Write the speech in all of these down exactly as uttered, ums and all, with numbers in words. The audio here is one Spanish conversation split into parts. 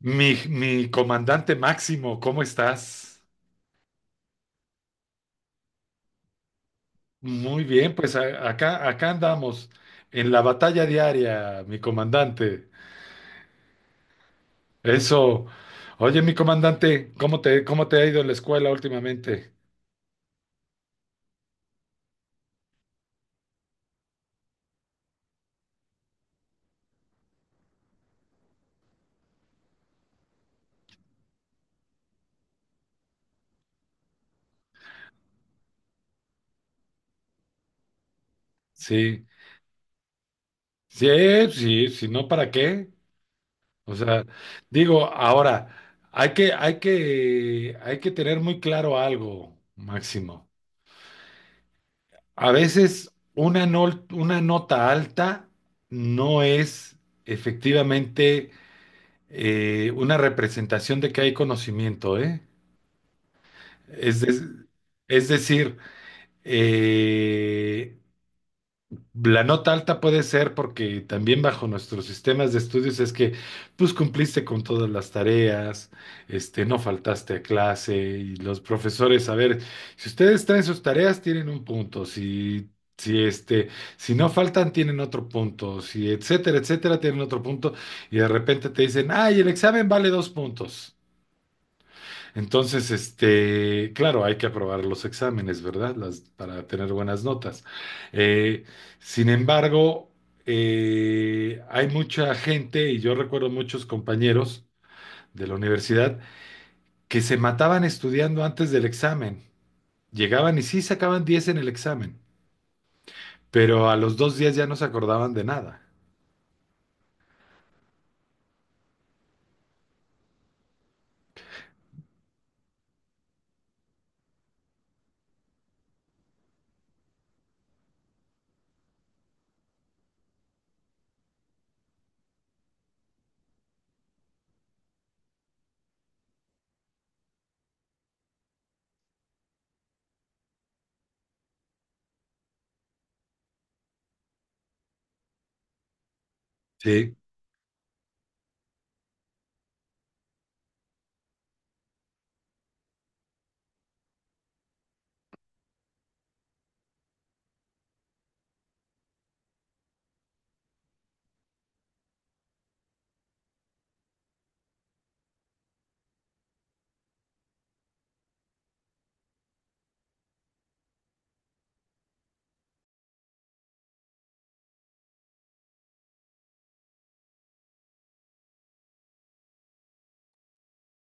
Mi, mi comandante Máximo, ¿cómo estás? Muy bien, pues a- acá, acá andamos en la batalla diaria, mi comandante. Eso. Oye, mi comandante, ¿cómo te, cómo te ha ido en la escuela últimamente? Sí, sí, sí, si no, ¿para qué? O sea, digo, ahora, hay que, hay que, hay que tener muy claro algo, Máximo. A veces una, no- una nota alta no es efectivamente eh, una representación de que hay conocimiento, ¿eh? Es, de- es decir, eh, la nota alta puede ser porque también bajo nuestros sistemas de estudios es que pues cumpliste con todas las tareas, este, no faltaste a clase y los profesores, a ver, si ustedes traen sus tareas tienen un punto, si si este, si no faltan tienen otro punto, si etcétera, etcétera tienen otro punto y de repente te dicen, "Ay, el examen vale dos puntos." Entonces, este, claro, hay que aprobar los exámenes, ¿verdad? Las, para tener buenas notas. Eh, sin embargo, eh, hay mucha gente, y yo recuerdo muchos compañeros de la universidad, que se mataban estudiando antes del examen. Llegaban y sí sacaban diez en el examen, pero a los dos días ya no se acordaban de nada. Sí,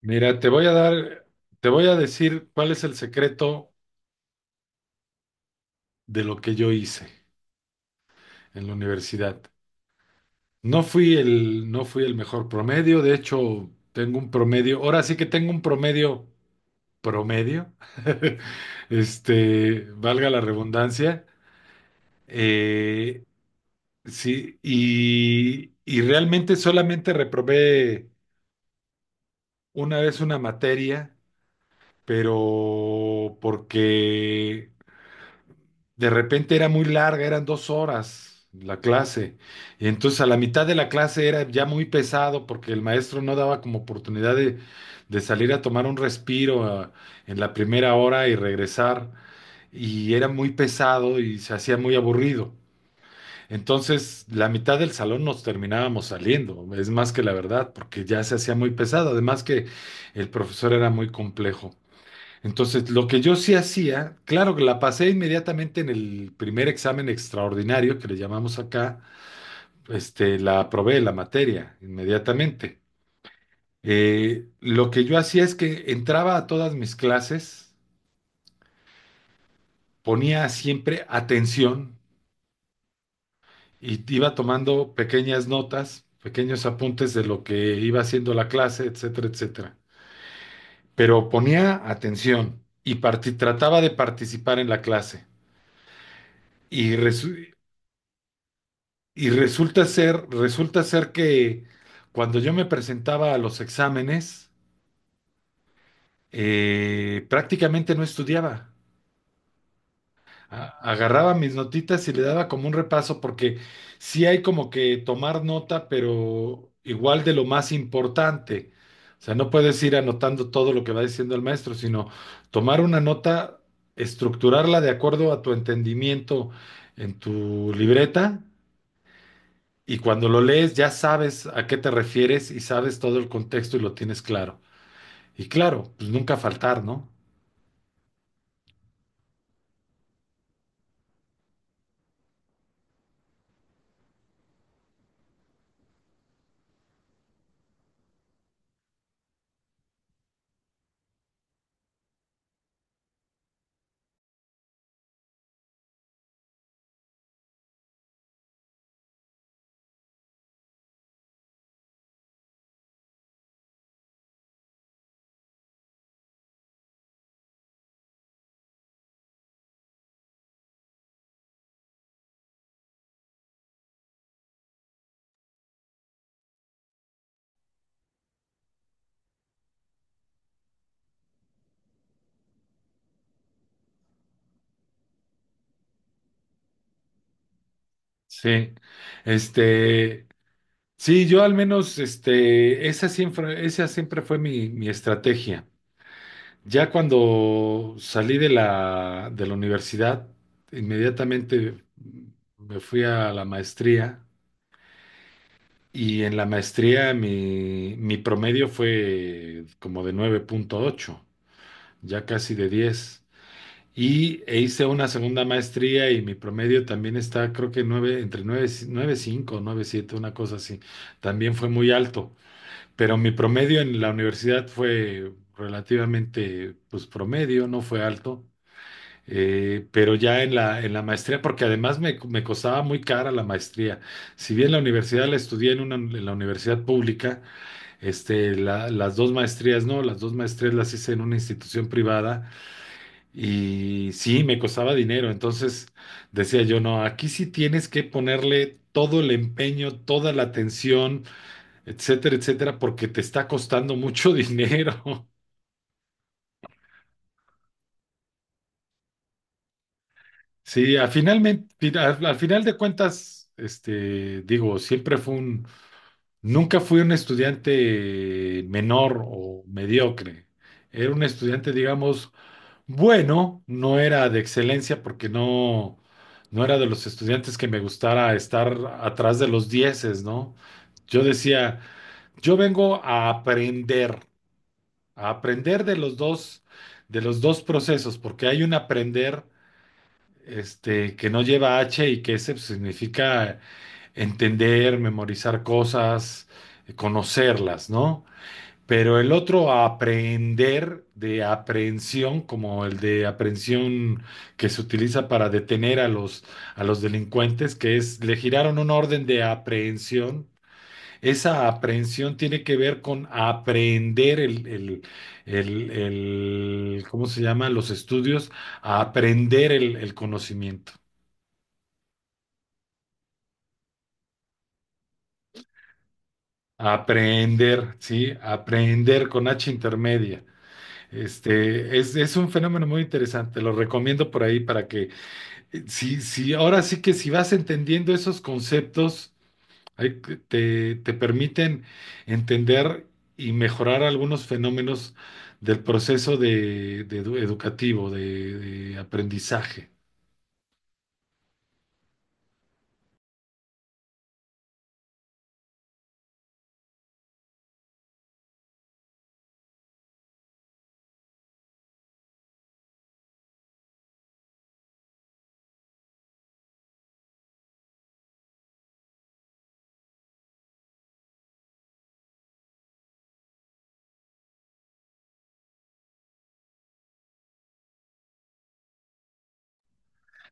mira, te voy a dar, te voy a decir cuál es el secreto de lo que yo hice en la universidad. No fui el, no fui el mejor promedio, de hecho tengo un promedio, ahora sí que tengo un promedio promedio, este, valga la redundancia, eh, sí, y, y realmente solamente reprobé una vez una materia, pero porque de repente era muy larga, eran dos horas la clase. Y entonces a la mitad de la clase era ya muy pesado porque el maestro no daba como oportunidad de, de salir a tomar un respiro a- en la primera hora y regresar. Y era muy pesado y se hacía muy aburrido. Entonces la mitad del salón nos terminábamos saliendo, es más que la verdad, porque ya se hacía muy pesado. Además que el profesor era muy complejo. Entonces, lo que yo sí hacía, claro que la pasé inmediatamente en el primer examen extraordinario que le llamamos acá, este, la aprobé la materia inmediatamente. Eh, lo que yo hacía es que entraba a todas mis clases, ponía siempre atención y iba tomando pequeñas notas, pequeños apuntes de lo que iba haciendo la clase, etcétera, etcétera. Pero ponía atención y parti- trataba de participar en la clase. Y resu- Y resulta ser, resulta ser que cuando yo me presentaba a los exámenes, eh, prácticamente no estudiaba. A- Agarraba mis notitas y le daba como un repaso porque sí hay como que tomar nota, pero igual de lo más importante. O sea, no puedes ir anotando todo lo que va diciendo el maestro, sino tomar una nota, estructurarla de acuerdo a tu entendimiento en tu libreta. Y cuando lo lees ya sabes a qué te refieres y sabes todo el contexto y lo tienes claro. Y claro, pues nunca faltar, ¿no? Sí. Este, sí, yo al menos, este, esa siempre, esa siempre fue mi, mi estrategia. Ya cuando salí de la, de la universidad, inmediatamente me fui a la maestría y en la maestría mi, mi promedio fue como de nueve punto ocho, ya casi de diez. Y e hice una segunda maestría y mi promedio también está, creo que nueve, entre nueve nueve cinco nueve siete, una cosa así. También fue muy alto, pero mi promedio en la universidad fue relativamente, pues promedio, no fue alto. Eh, pero ya en la, en la maestría, porque además me, me costaba muy cara la maestría. Si bien la universidad la estudié en, una, en la universidad pública, este, la- las dos maestrías no, las dos maestrías las hice en una institución privada y sí, me costaba dinero, entonces decía yo, no, aquí sí tienes que ponerle todo el empeño, toda la atención, etcétera, etcétera, porque te está costando mucho dinero. Sí, a finalmente, al al final de cuentas, este, digo, siempre fue un, nunca fui un estudiante menor o mediocre. Era un estudiante, digamos, bueno, no era de excelencia porque no, no era de los estudiantes que me gustara estar atrás de los dieces, ¿no? Yo decía, yo vengo a aprender, a aprender de los dos, de los dos procesos, porque hay un aprender, este, que no lleva H y que ese pues, significa entender, memorizar cosas, conocerlas, ¿no? Pero el otro aprehender de aprehensión, como el de aprehensión que se utiliza para detener a los, a los delincuentes, que es, le giraron una orden de aprehensión. Esa aprehensión tiene que ver con aprender el, el, el, el- ¿cómo se llama? Los estudios, a aprender el, el conocimiento. Aprender, sí, aprender con H intermedia. Este, es, es un fenómeno muy interesante, lo recomiendo por ahí para que eh, sí, sí, ahora sí que si vas entendiendo esos conceptos, ahí te, te te permiten entender y mejorar algunos fenómenos del proceso de, de edu- educativo, de, de aprendizaje.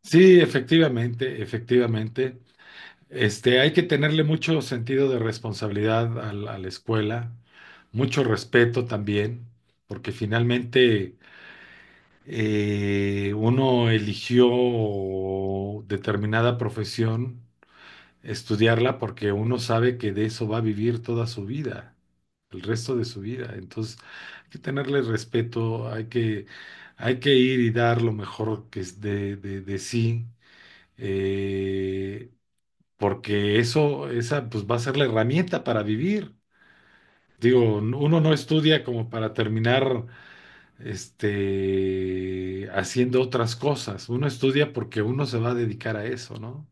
Sí, efectivamente, efectivamente. Este, hay que tenerle mucho sentido de responsabilidad al- a la escuela, mucho respeto también, porque finalmente eh, uno eligió determinada profesión, estudiarla porque uno sabe que de eso va a vivir toda su vida, el resto de su vida. Entonces, hay que tenerle respeto, hay que, hay que ir y dar lo mejor que es de, de, de sí, eh, porque eso, esa, pues va a ser la herramienta para vivir. Digo, uno no estudia como para terminar este, haciendo otras cosas. Uno estudia porque uno se va a dedicar a eso, ¿no?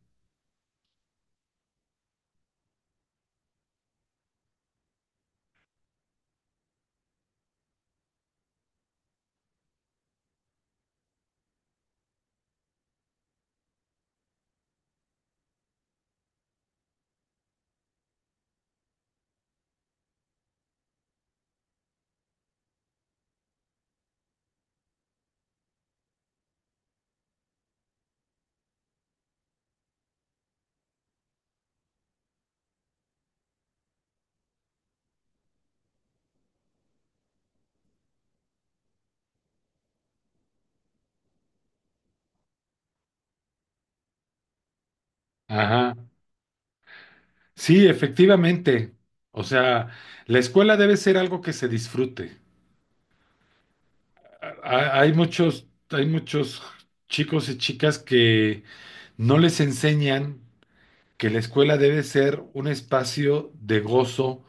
Ajá. Sí, efectivamente. O sea, la escuela debe ser algo que se disfrute. Ha- Hay muchos, hay muchos chicos y chicas que no les enseñan que la escuela debe ser un espacio de gozo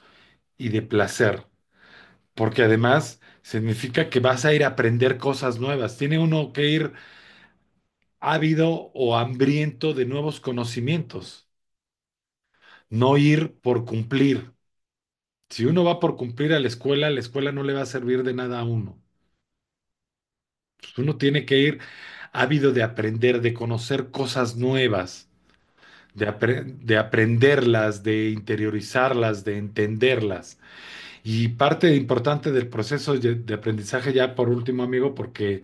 y de placer, porque además significa que vas a ir a aprender cosas nuevas. Tiene uno que ir ávido o hambriento de nuevos conocimientos, no ir por cumplir. Si uno va por cumplir a la escuela, la escuela no le va a servir de nada a uno. Pues, uno tiene que ir ávido de aprender, de conocer cosas nuevas, de, apre- de aprenderlas, de interiorizarlas, de entenderlas. Y parte importante del proceso de, de aprendizaje, ya por último, amigo, porque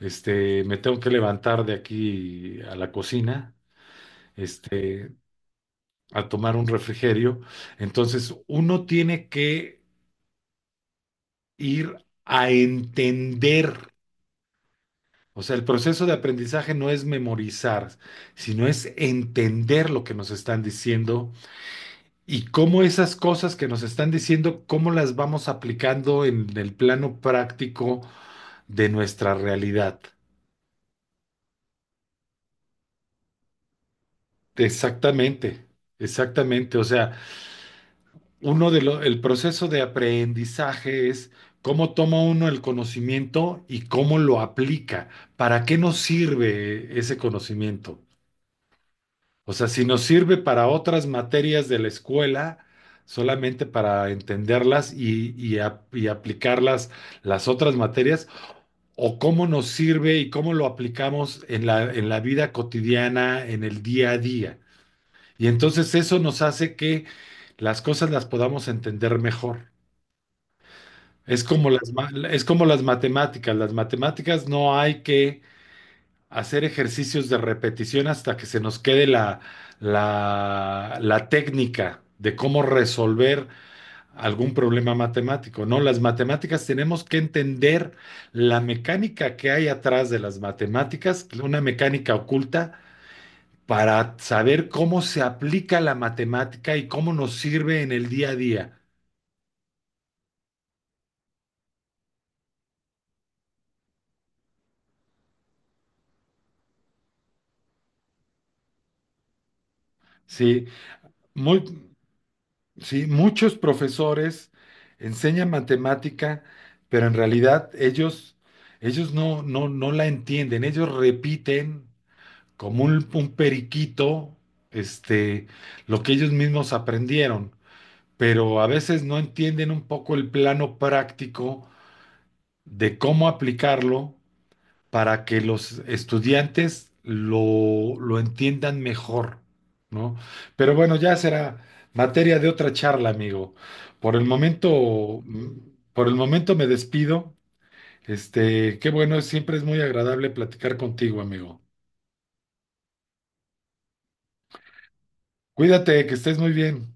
este, me tengo que levantar de aquí a la cocina. Este, a tomar un refrigerio. Entonces, uno tiene que ir a entender. O sea, el proceso de aprendizaje no es memorizar, sino es entender lo que nos están diciendo y cómo esas cosas que nos están diciendo, cómo las vamos aplicando en el plano práctico de nuestra realidad. Exactamente, exactamente. O sea, Uno de lo- el proceso de aprendizaje es cómo toma uno el conocimiento y cómo lo aplica. ¿Para qué nos sirve ese conocimiento? O sea, si nos sirve para otras materias de la escuela, solamente para entenderlas y, y a- y aplicarlas las otras materias, o cómo nos sirve y cómo lo aplicamos en la, en la vida cotidiana, en el día a día. Y entonces eso nos hace que las cosas las podamos entender mejor. Es como las, ma- es como las matemáticas. Las matemáticas no hay que hacer ejercicios de repetición hasta que se nos quede la, la, la técnica de cómo resolver algún problema matemático. No, las matemáticas tenemos que entender la mecánica que hay atrás de las matemáticas, una mecánica oculta, para saber cómo se aplica la matemática y cómo nos sirve en el día a día. Sí, muy. Sí, muchos profesores enseñan matemática, pero en realidad ellos, ellos no, no, no la entienden, ellos repiten como un, un periquito, este, lo que ellos mismos aprendieron, pero a veces no entienden un poco el plano práctico de cómo aplicarlo para que los estudiantes lo, lo entiendan mejor, ¿no? Pero bueno, ya será materia de otra charla, amigo. Por el momento, mm, por el momento me despido. Este, qué bueno, siempre es muy agradable platicar contigo, amigo. Cuídate, que estés muy bien.